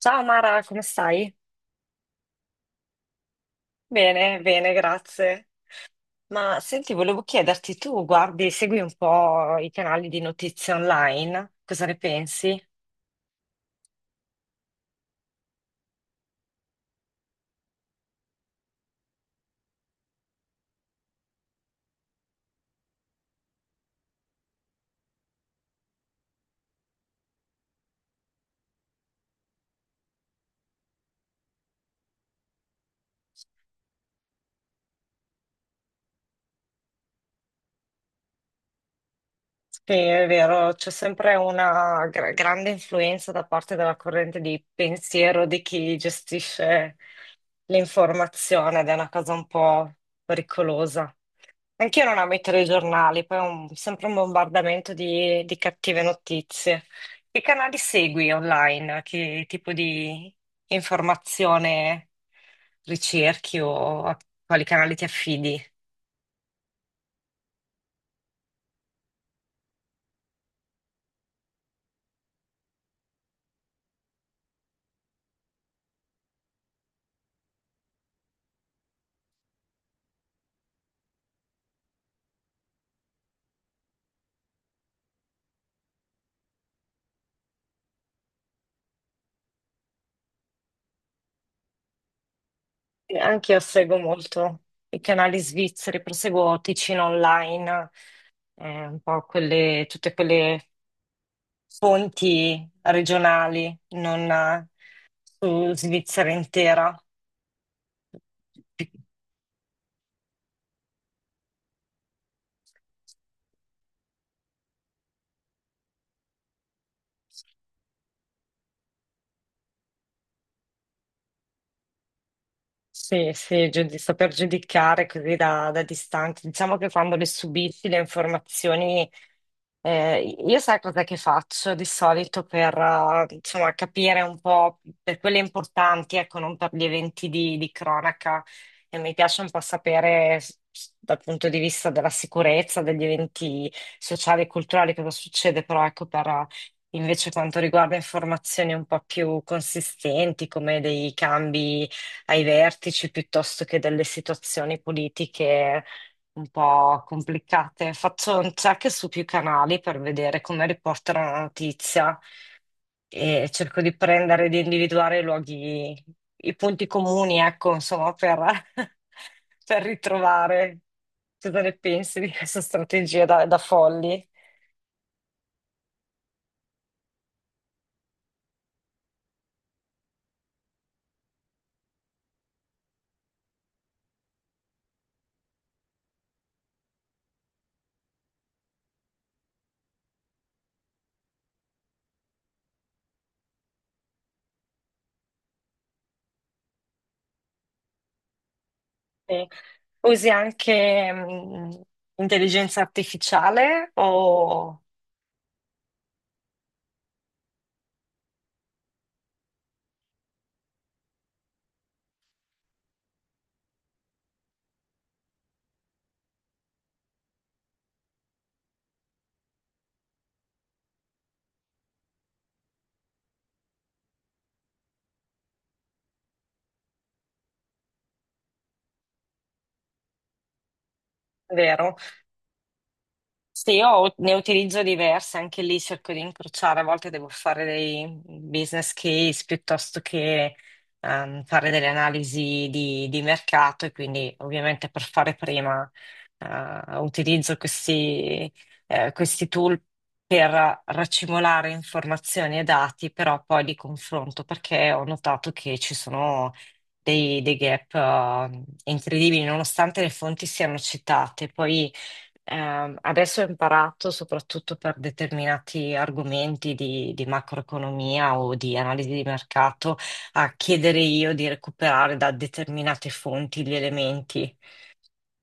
Ciao Mara, come stai? Bene, bene, grazie. Ma senti, volevo chiederti, tu guardi, segui un po' i canali di notizie online, cosa ne pensi? Sì, è vero, c'è sempre una grande influenza da parte della corrente di pensiero di chi gestisce l'informazione ed è una cosa un po' pericolosa. Anch'io non amo i telegiornali, poi sempre un bombardamento di cattive notizie. Che canali segui online? Che tipo di informazione ricerchi o a quali canali ti affidi? Anche io seguo molto i canali svizzeri, proseguo Ticino Online, un po' quelle, tutte quelle fonti regionali, non su Svizzera intera. Sì, sì, saper giudicare così da distanza. Diciamo che quando le subisci le informazioni, io sai cosa che faccio di solito per, insomma, capire un po' per quelle importanti, ecco, non per gli eventi di cronaca. E mi piace un po' sapere dal punto di vista della sicurezza, degli eventi sociali e culturali cosa succede, però ecco invece quanto riguarda informazioni un po' più consistenti, come dei cambi ai vertici piuttosto che delle situazioni politiche un po' complicate. Faccio un check su più canali per vedere come riportano la notizia e cerco di prendere, di individuare i luoghi, i punti comuni, ecco, insomma, per, per ritrovare. Cosa ne pensi di questa strategia da folli? Sì. Usi anche intelligenza artificiale o vero? Sì, io ne utilizzo diverse, anche lì cerco di incrociare, a volte devo fare dei business case piuttosto che fare delle analisi di mercato e quindi ovviamente per fare prima, utilizzo questi, questi tool per raccimolare informazioni e dati, però poi li confronto perché ho notato che ci sono dei gap incredibili, nonostante le fonti siano citate. Poi adesso ho imparato soprattutto per determinati argomenti di macroeconomia o di analisi di mercato a chiedere io di recuperare da determinate fonti gli elementi,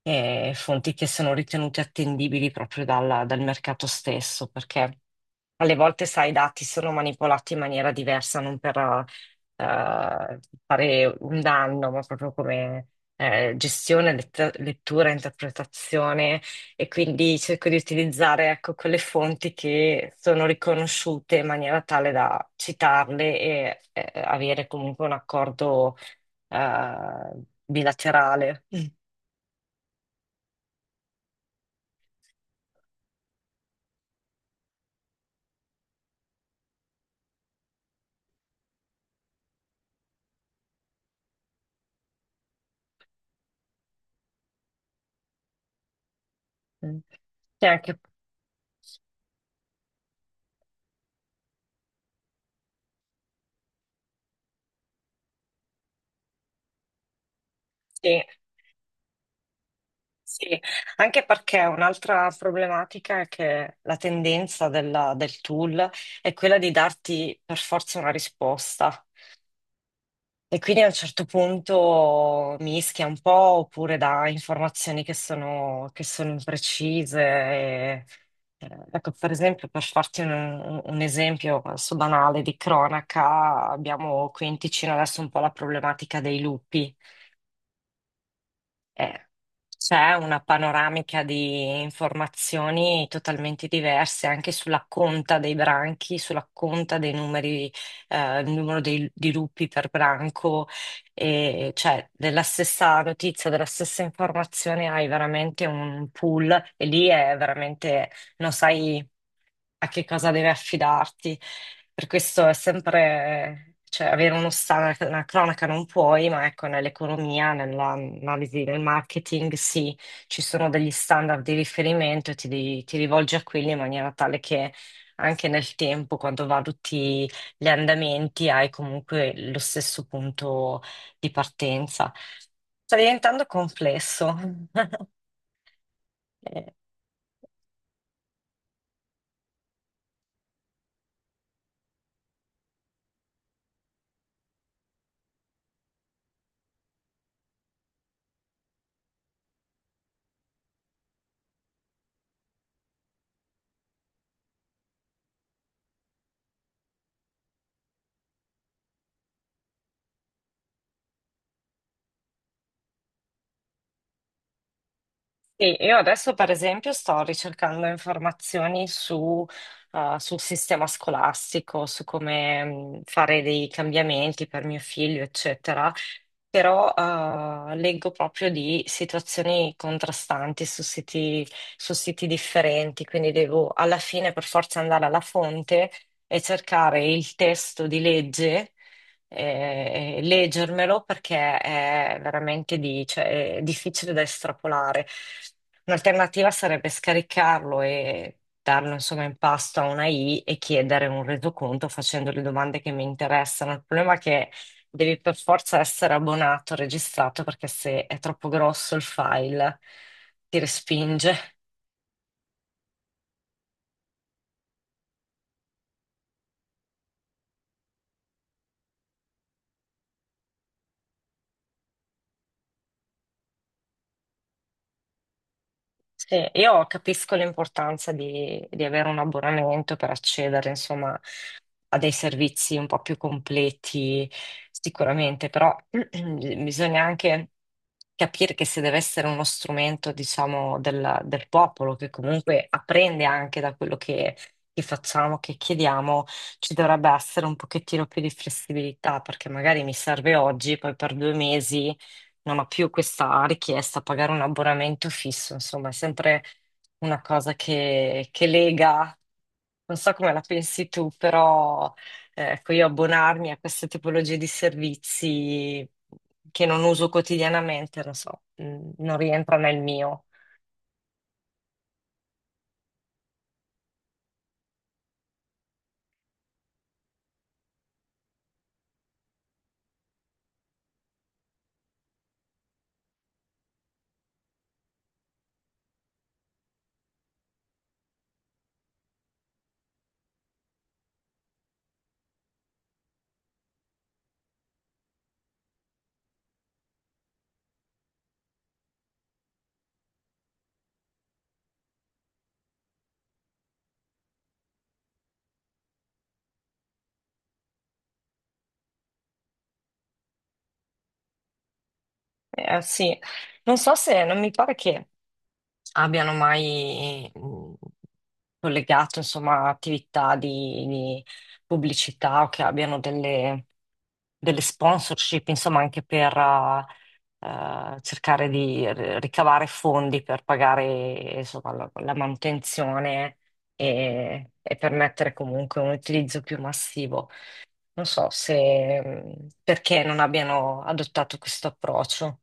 fonti che sono ritenute attendibili proprio dal mercato stesso, perché alle volte, sai, i dati sono manipolati in maniera diversa, non per fare un danno, ma proprio come gestione, lettura, interpretazione. E quindi cerco di utilizzare, ecco, quelle fonti che sono riconosciute in maniera tale da citarle e avere comunque un accordo bilaterale. Mm. E anche, sì. Sì, anche perché un'altra problematica è che la tendenza del tool è quella di darti per forza una risposta e quindi a un certo punto mischia un po' oppure dà informazioni che sono imprecise. Ecco, per esempio, per farti un esempio adesso banale di cronaca, abbiamo qui in Ticino adesso un po' la problematica dei lupi. Eh, C'è una panoramica di informazioni totalmente diverse anche sulla conta dei branchi, sulla conta dei numeri, il numero di lupi per branco, e cioè della stessa notizia, della stessa informazione hai veramente un pool e lì è veramente non sai a che cosa deve affidarti. Per questo è sempre, cioè, avere uno una cronaca non puoi, ma ecco, nell'economia, nell'analisi del marketing, sì, ci sono degli standard di riferimento e ti, ti rivolgi a quelli in maniera tale che anche nel tempo, quando valuti gli andamenti, hai comunque lo stesso punto di partenza. Sta diventando complesso. Eh, Sì, io adesso per esempio sto ricercando informazioni su, sul sistema scolastico, su come fare dei cambiamenti per mio figlio, eccetera, però leggo proprio di situazioni contrastanti su siti differenti, quindi devo alla fine per forza andare alla fonte e cercare il testo di legge, leggermelo perché è veramente cioè, è difficile da estrapolare. Un'alternativa sarebbe scaricarlo e darlo insomma in pasto a una I e chiedere un resoconto facendo le domande che mi interessano. Il problema è che devi per forza essere abbonato, registrato, perché se è troppo grosso il file ti respinge. Sì, io capisco l'importanza di avere un abbonamento per accedere, insomma, a dei servizi un po' più completi, sicuramente, però bisogna anche capire che se deve essere uno strumento, diciamo, del popolo, che comunque apprende anche da quello che facciamo, che chiediamo, ci dovrebbe essere un pochettino più di flessibilità, perché magari mi serve oggi, poi per 2 mesi non ho più questa richiesta a pagare un abbonamento fisso, insomma, è sempre una cosa che lega. Non so come la pensi tu, però ecco, io abbonarmi a queste tipologie di servizi che non uso quotidianamente, non so, non rientra nel mio. Sì, non so se non mi pare che abbiano mai collegato, insomma, attività di pubblicità o che abbiano delle sponsorship, insomma, anche per cercare di ricavare fondi per pagare, insomma, la manutenzione e permettere comunque un utilizzo più massivo. Non so se perché non abbiano adottato questo approccio.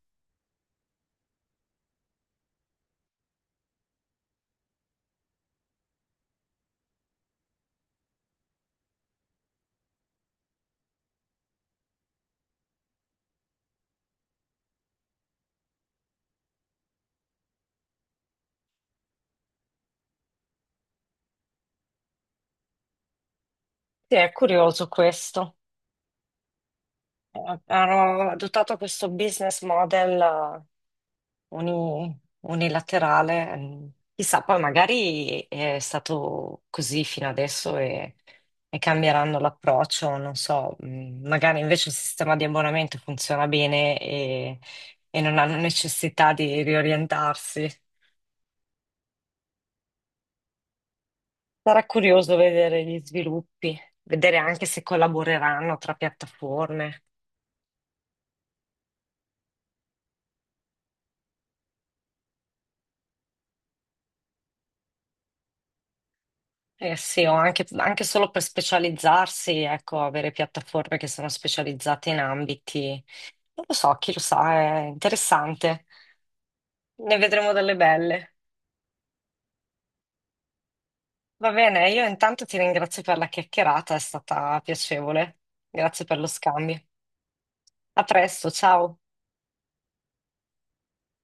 Sì, è curioso questo. Hanno adottato questo business model unilaterale. Chissà, poi magari è stato così fino adesso e cambieranno l'approccio, non so, magari invece il sistema di abbonamento funziona bene e non hanno necessità di riorientarsi. Sarà curioso vedere gli sviluppi, vedere anche se collaboreranno tra piattaforme. Eh sì, o anche, anche solo per specializzarsi, ecco, avere piattaforme che sono specializzate in ambiti. Non lo so, chi lo sa, è interessante. Ne vedremo delle belle. Va bene, io intanto ti ringrazio per la chiacchierata, è stata piacevole. Grazie per lo scambio. A presto, ciao.